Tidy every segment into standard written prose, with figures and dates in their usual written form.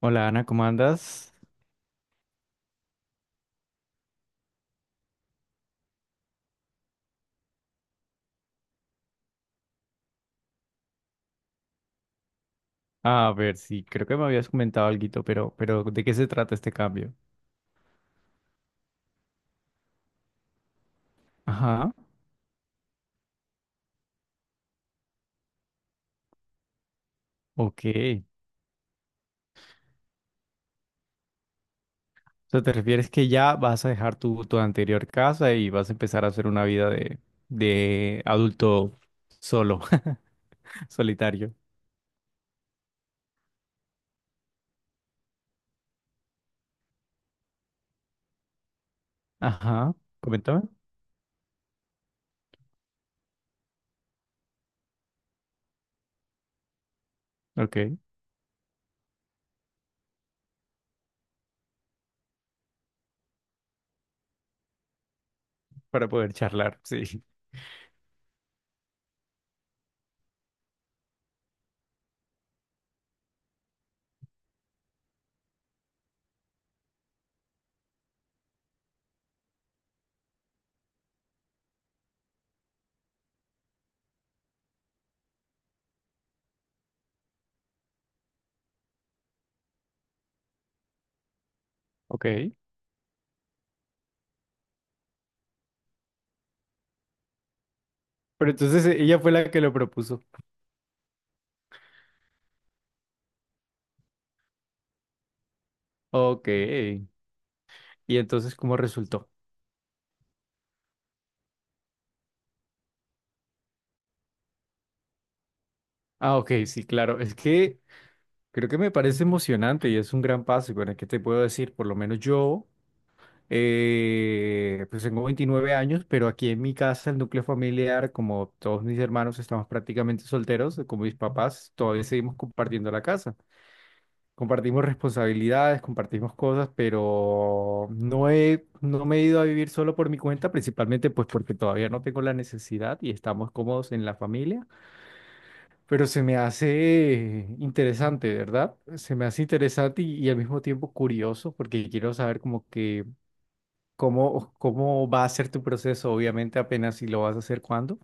Hola Ana, ¿cómo andas? A ver, sí, creo que me habías comentado alguito, pero ¿de qué se trata este cambio? Ajá, ok. O sea, ¿te refieres que ya vas a dejar tu anterior casa y vas a empezar a hacer una vida de adulto solo, solitario? Ajá, coméntame. Ok, para poder charlar, sí. Ok. Pero entonces ella fue la que lo propuso. Ok. ¿Y entonces cómo resultó? Ah, ok, sí, claro. Es que creo que me parece emocionante y es un gran paso. Y bueno, ¿qué te puedo decir? Por lo menos yo, pues tengo 29 años, pero aquí en mi casa, el núcleo familiar, como todos mis hermanos, estamos prácticamente solteros, como mis papás, todavía seguimos compartiendo la casa. Compartimos responsabilidades, compartimos cosas, pero no me he ido a vivir solo por mi cuenta, principalmente pues porque todavía no tengo la necesidad y estamos cómodos en la familia. Pero se me hace interesante, ¿verdad? Se me hace interesante y al mismo tiempo curioso porque quiero saber como que cómo va a ser tu proceso, obviamente apenas si lo vas a hacer cuándo.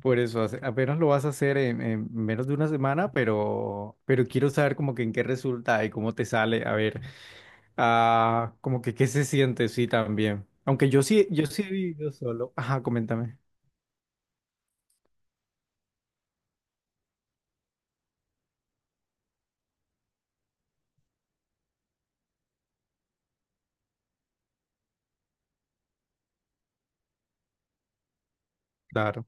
Por eso, apenas lo vas a hacer en menos de una semana, pero quiero saber como que en qué resulta y cómo te sale, a ver, ah, como que qué se siente, sí, también. Aunque yo sí he vivido solo. Ajá, coméntame. Claro.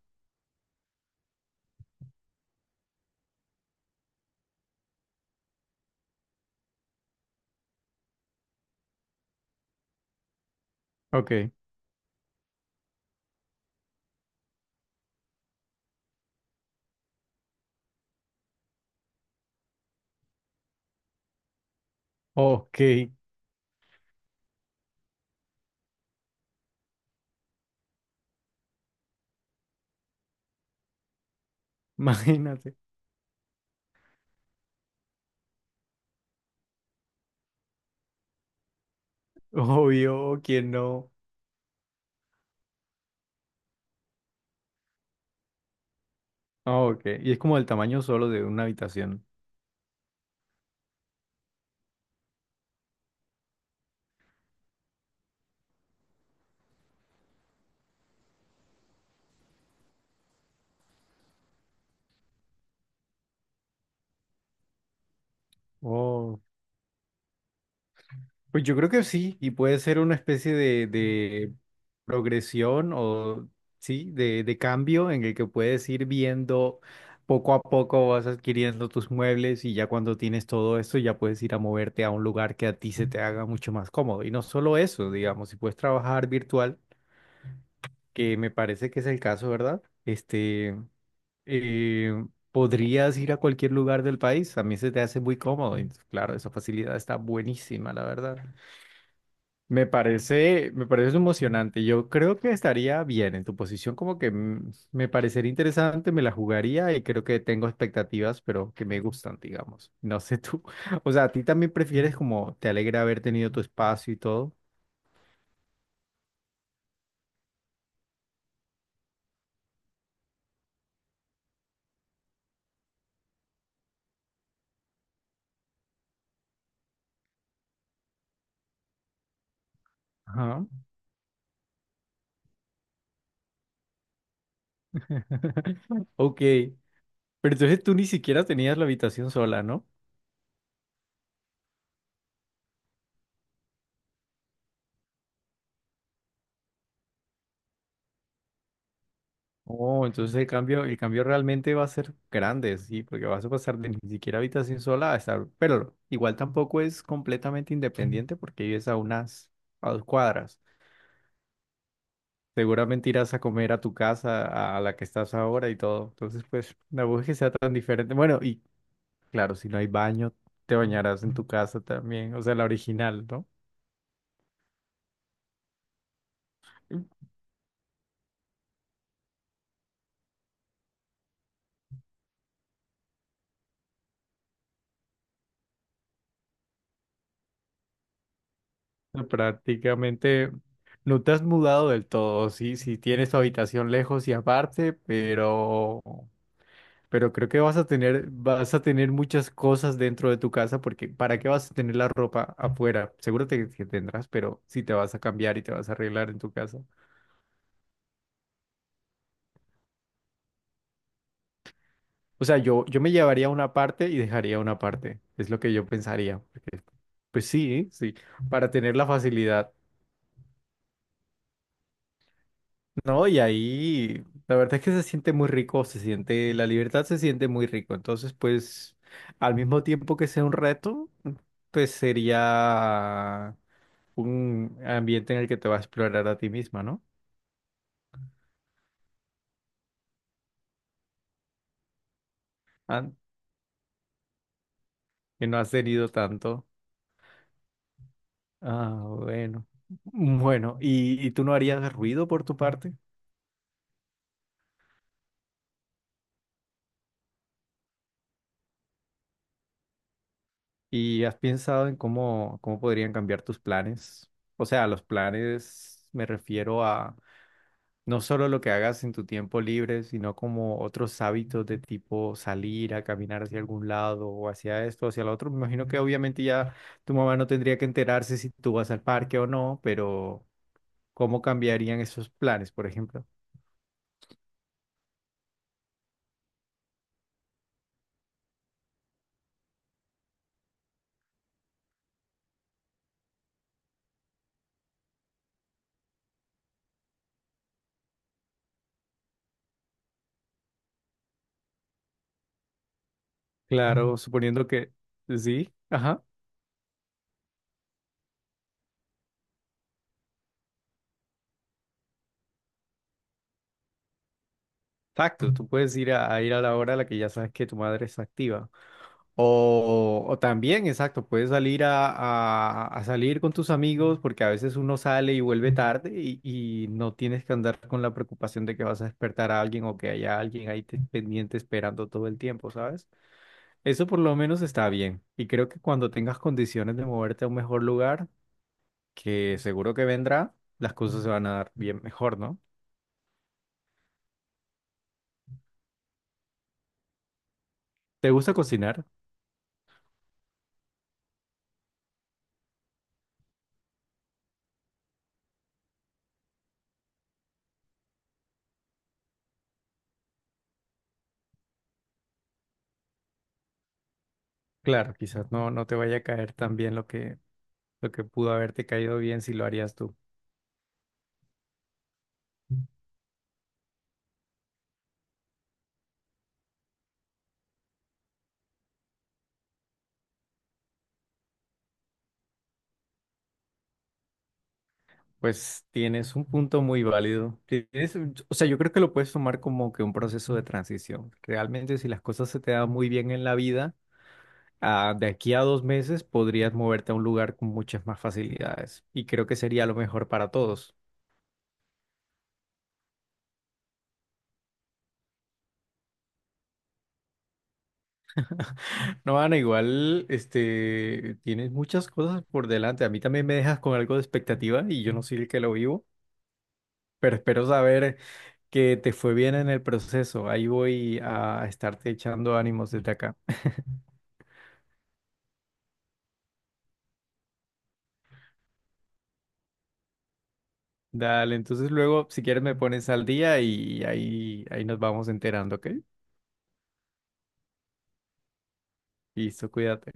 Ok. Ok, imagínate. Obvio, ¿quién no? Ah, ok. Y es como el tamaño solo de una habitación. Oh. Pues yo creo que sí, y puede ser una especie de progresión o sí, de cambio en el que puedes ir viendo poco a poco vas adquiriendo tus muebles y ya cuando tienes todo esto ya puedes ir a moverte a un lugar que a ti se te haga mucho más cómodo. Y no solo eso, digamos, si puedes trabajar virtual, que me parece que es el caso, ¿verdad? Este, eh, podrías ir a cualquier lugar del país, a mí se te hace muy cómodo. Y claro, esa facilidad está buenísima, la verdad. Me parece emocionante. Yo creo que estaría bien en tu posición, como que me parecería interesante, me la jugaría y creo que tengo expectativas, pero que me gustan, digamos. No sé tú. O sea, a ti también prefieres como te alegra haber tenido tu espacio y todo. Ajá. Ok. Pero entonces tú ni siquiera tenías la habitación sola, ¿no? Oh, entonces el cambio realmente va a ser grande, sí, porque vas a pasar de ni siquiera habitación sola a estar, pero igual tampoco es completamente independiente porque a 2 cuadras. Seguramente irás a comer a tu casa, a la que estás ahora y todo. Entonces, pues, tampoco es que sea tan diferente. Bueno, y claro, si no hay baño, te bañarás en tu casa también, o sea, la original, ¿no? Prácticamente no te has mudado del todo, sí, sí tienes tu habitación lejos y aparte, pero... Pero creo que vas a tener muchas cosas dentro de tu casa porque ¿para qué vas a tener la ropa afuera? Seguro que tendrás, pero si te vas a cambiar y te vas a arreglar en tu casa. O sea, yo me llevaría una parte y dejaría una parte. Es lo que yo pensaría, porque, sí, para tener la facilidad. No, y ahí la verdad es que se siente muy rico, se siente, la libertad se siente muy rico. Entonces, pues, al mismo tiempo que sea un reto, pues sería un ambiente en el que te vas a explorar a ti misma, ¿no? Ah, que no has tenido tanto. Ah, bueno. Bueno, y tú no harías ruido por tu parte? ¿Y has pensado en cómo, cómo podrían cambiar tus planes? O sea, los planes me refiero a no solo lo que hagas en tu tiempo libre, sino como otros hábitos de tipo salir a caminar hacia algún lado o hacia esto, hacia lo otro. Me imagino que obviamente ya tu mamá no tendría que enterarse si tú vas al parque o no, pero... ¿Cómo cambiarían esos planes, por ejemplo? Claro, mm, suponiendo que sí, ajá, exacto, tú puedes ir a ir a la hora a la que ya sabes que tu madre está activa. O también, exacto, puedes salir a salir con tus amigos porque a veces uno sale y vuelve tarde y no tienes que andar con la preocupación de que vas a despertar a alguien o que haya alguien ahí pendiente esperando todo el tiempo, ¿sabes? Eso por lo menos está bien. Y creo que cuando tengas condiciones de moverte a un mejor lugar, que seguro que vendrá, las cosas se van a dar bien mejor, ¿no? ¿Te gusta cocinar? Claro, quizás no te vaya a caer tan bien lo que pudo haberte caído bien si lo harías tú. Pues tienes un punto muy válido. O sea, yo creo que lo puedes tomar como que un proceso de transición. Realmente, si las cosas se te dan muy bien en la vida, ah, de aquí a 2 meses podrías moverte a un lugar con muchas más facilidades. Y creo que sería lo mejor para todos. No, Ana, igual, este, tienes muchas cosas por delante. A mí también me dejas con algo de expectativa y yo no soy el que lo vivo, pero espero saber que te fue bien en el proceso. Ahí voy a estarte echando ánimos desde acá. Dale, entonces luego, si quieres, me pones al día y ahí nos vamos enterando, ¿ok? Listo, cuídate.